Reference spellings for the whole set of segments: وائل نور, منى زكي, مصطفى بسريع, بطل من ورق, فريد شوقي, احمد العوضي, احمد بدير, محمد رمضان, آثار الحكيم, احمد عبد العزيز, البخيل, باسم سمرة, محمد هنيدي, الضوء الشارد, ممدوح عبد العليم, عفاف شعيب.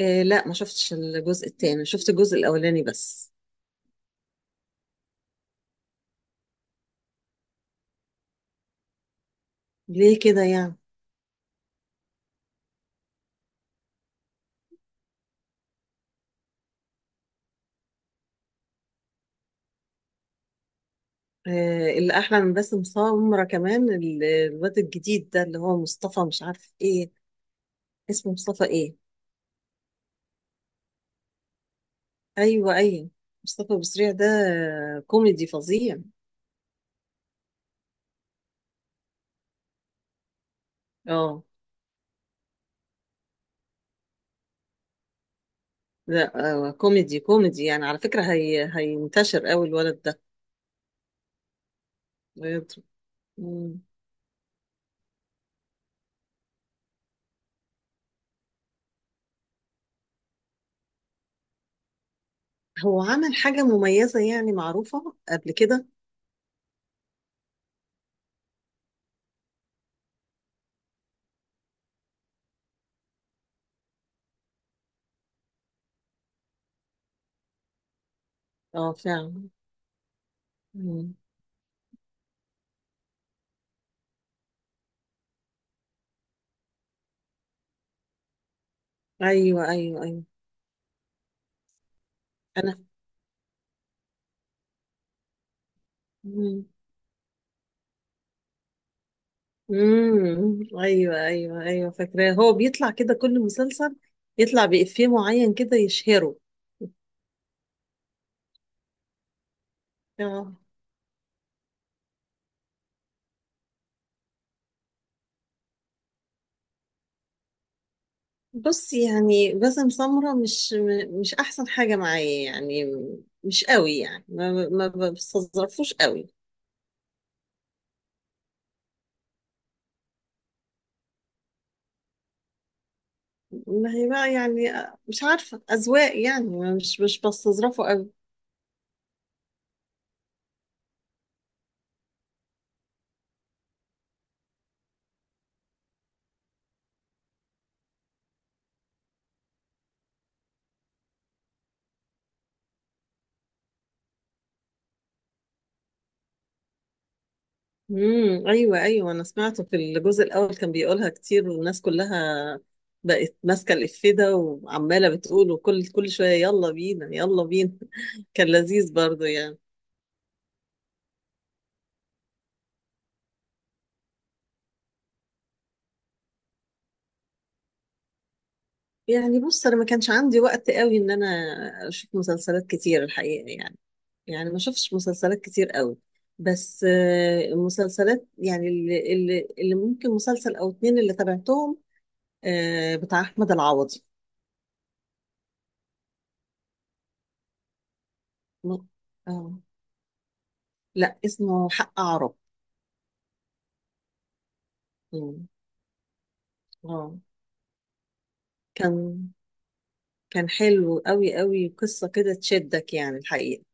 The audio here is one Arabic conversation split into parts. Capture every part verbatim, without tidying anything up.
آه، لا، ما شفتش الجزء التاني، شفت الجزء الأولاني بس. ليه كده يعني؟ آه، اللي أحلى من باسم سمرة كمان ال- الواد الجديد ده اللي هو مصطفى مش عارف إيه اسمه، مصطفى إيه؟ أيوه أيوه، مصطفى بسريع ده. آه، كوميدي فظيع. اه لا، آه كوميدي كوميدي يعني، على فكرة هي هينتشر أوي الولد ده. هيضرب. مم. هو عمل حاجة مميزة يعني معروفة قبل كده؟ اه فعلا. مم. أيوه أيوه أيوه. أنا. مم. امم، ايوه ايوه ايوه، فاكراه هو بيطلع كده كل مسلسل يطلع بإفيه معين كده يشهره. اه، بص، يعني باسم سمرة مش م- مش احسن حاجه معايا، يعني م- مش قوي يعني، ما ما ما بستظرفوش قوي. ما هي بقى يعني، آه، مش عارفه اذواق يعني، ما مش مش بستظرفه قوي. امم، ايوه ايوه، انا سمعته في الجزء الاول كان بيقولها كتير، والناس كلها بقت ماسكه الإفيه ده وعماله بتقول، وكل كل شويه يلا بينا يلا بينا كان لذيذ برضو يعني. يعني بص، انا ما كانش عندي وقت قوي ان انا اشوف مسلسلات كتير الحقيقه يعني، يعني ما شفتش مسلسلات كتير قوي. بس آه، المسلسلات يعني اللي, اللي, اللي ممكن مسلسل او اتنين اللي تابعتهم، آه، بتاع احمد العوضي. م- آه، لا، اسمه حق عرب. مم. اه، كان كان حلو قوي قوي، قصة كده تشدك يعني الحقيقة،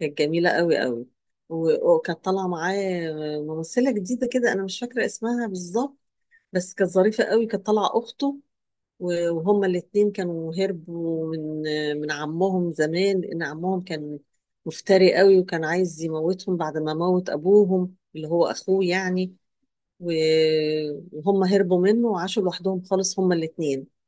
كانت جميلة قوي قوي. و- وكانت طالعة معاه ممثلة جديدة كده، أنا مش فاكرة اسمها بالظبط، بس كانت ظريفة قوي، كانت طالعة أخته. و- وهما الاتنين كانوا هربوا من من عمهم زمان، لأن عمهم كان مفتري قوي، وكان عايز يموتهم بعد ما موت أبوهم اللي هو أخوه يعني، و- وهم هربوا منه وعاشوا لوحدهم خالص هما الاتنين.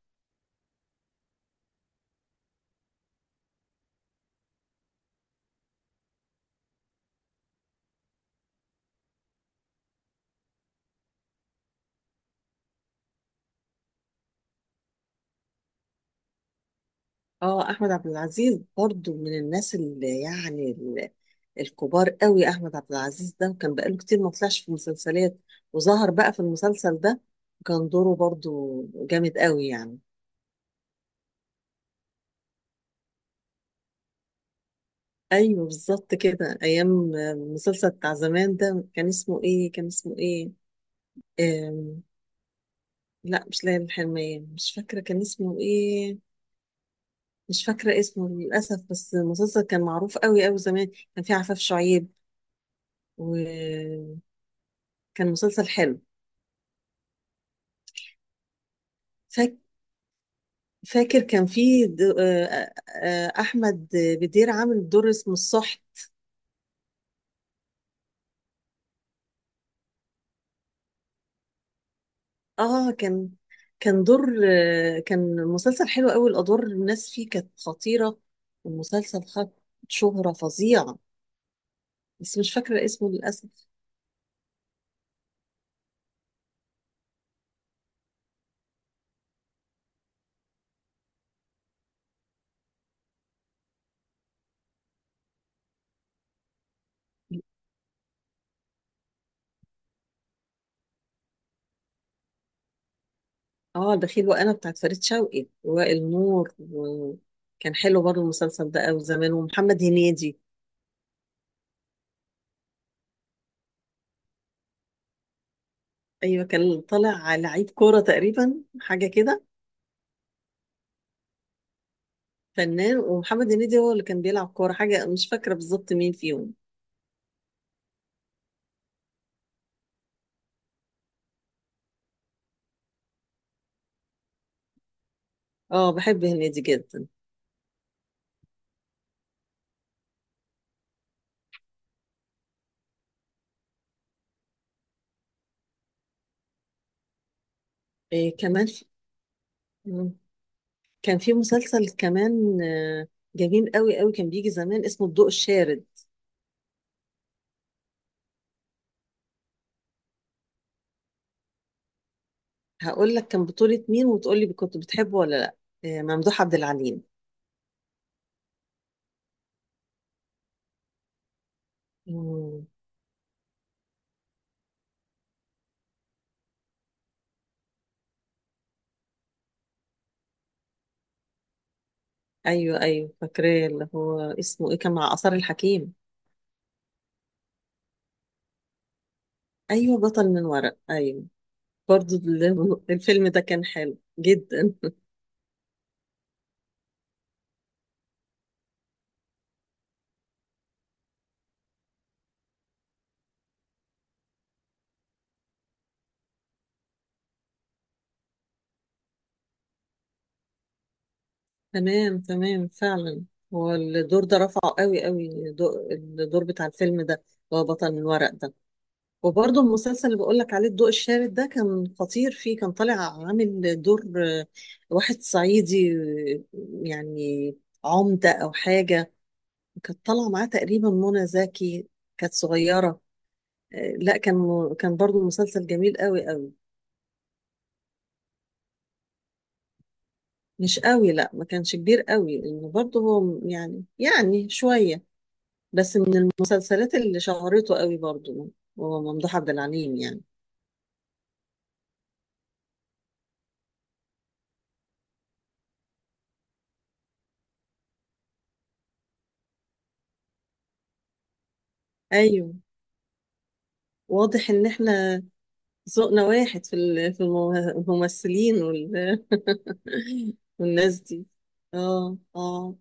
اه، احمد عبد العزيز برضو من الناس اللي يعني ال- الكبار قوي. احمد عبد العزيز ده وكان بقاله كتير ما طلعش في مسلسلات، وظهر بقى في المسلسل ده، وكان دوره برضو جامد قوي يعني. ايوه بالظبط كده، ايام المسلسل بتاع زمان ده كان اسمه ايه؟ كان اسمه ايه؟ آم، لا مش ليالي الحلمية، مش فاكرة كان اسمه ايه، مش فاكرة اسمه للأسف، بس المسلسل كان معروف قوي قوي زمان، كان فيه عفاف شعيب، وكان مسلسل حلو. فاكر كان في د- آه، آه، آه، احمد بدير عامل دور اسمه الصحت. اه، كان كان دور، آه، كان مسلسل حلو قوي، الادوار الناس فيه كانت خطيره، والمسلسل خد شهره فظيعه، بس مش فاكره اسمه للاسف. اه، البخيل وانا بتاعت فريد شوقي، وائل نور، وكان حلو برضه المسلسل ده قوي زمان، ومحمد هنيدي. ايوه كان طالع لعيب كوره تقريبا، حاجه كده. فنان ومحمد هنيدي هو اللي كان بيلعب كورة حاجة، مش فاكرة بالظبط مين فيهم. اه، بحب هنيدي جدا. إيه كمان في- مم. كان في مسلسل كمان آه، جميل قوي قوي، كان بيجي زمان اسمه الضوء الشارد. هقول لك كان بطولة مين وتقول لي كنت بتحبه ولا لا. إيه، ممدوح عبد العليم. مم. ايوه ايوه فاكراه، اللي هو اسمه ايه؟ كان مع آثار الحكيم. ايوه بطل من ورق، ايوه. برضو ال- الفيلم ده كان حلو جدا. تمام تمام فعلا. هو الدور ده رفعه قوي قوي، دو- الدور بتاع الفيلم ده اللي هو بطل الورق ده. وبرضه المسلسل اللي بقول لك عليه الضوء الشارد ده كان خطير، فيه كان طالع عامل دور، آه، واحد صعيدي، آه، يعني عمدة أو حاجة. كانت طالعة معاه تقريبا منى زكي، كانت صغيرة. آه، لا، كان م- كان برضه مسلسل جميل قوي قوي. مش قوي، لا ما كانش كبير قوي، لأنه برضه هو يعني يعني شوية، بس من المسلسلات اللي شهرته قوي برضو هو ممدوح عبد العليم يعني. ايوه. واضح ان احنا ذوقنا واحد في ال- في الممه- الممثلين وال- والناس دي. اه اه.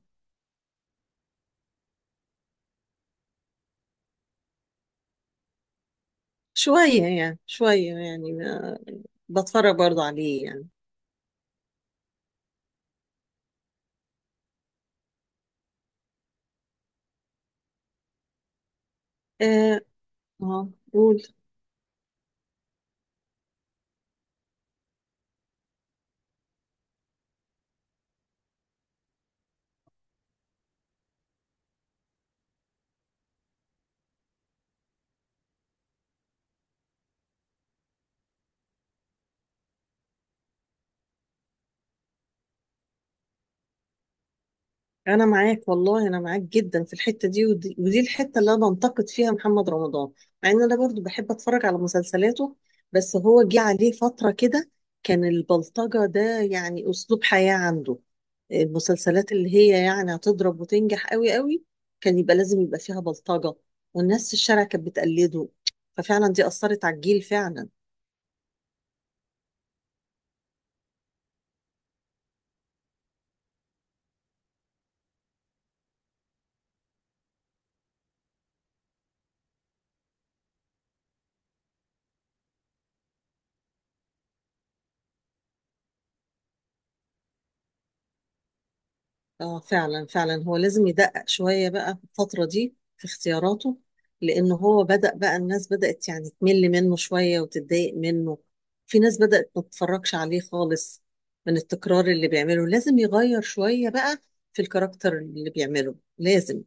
شوية يعني، شوية يعني ما- بتفرج برضو عليه يعني. اه اه قول. انا معاك والله، انا معاك جدا في الحته دي، ودي, ودي الحته اللي انا بنتقد فيها محمد رمضان، مع ان انا برضو بحب اتفرج على مسلسلاته. بس هو جه عليه فتره كده كان البلطجه ده يعني اسلوب حياه عنده، المسلسلات اللي هي يعني هتضرب وتنجح قوي قوي كان يبقى لازم يبقى فيها بلطجه، والناس في الشارع كانت بتقلده، ففعلا دي اثرت على الجيل فعلا. اه فعلا فعلا، هو لازم يدقق شوية بقى في الفترة دي في اختياراته، لأنه هو بدأ بقى، الناس بدأت يعني تمل منه شوية وتتضايق منه، في ناس بدأت ما تتفرجش عليه خالص من التكرار اللي بيعمله، لازم يغير شوية بقى في الكاركتر اللي بيعمله لازم.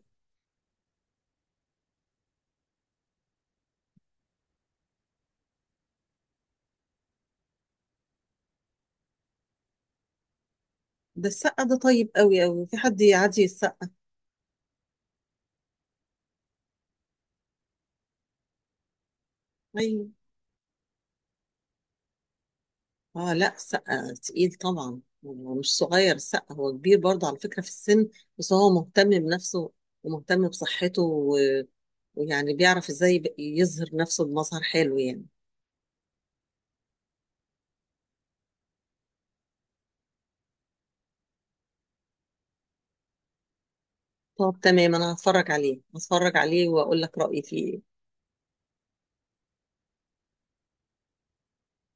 ده السقا ده طيب قوي قوي، في حد يعدي السقا؟ أيوة. اه لا، سقا تقيل طبعا، هو مش صغير سقا، هو كبير برضه على فكرة في السن، بس هو مهتم بنفسه ومهتم بصحته، و... ويعني بيعرف ازاي يب- يظهر نفسه بمظهر حلو يعني. طب تمام، انا هتفرج عليه هتفرج عليه واقول لك رأيي فيه إيه.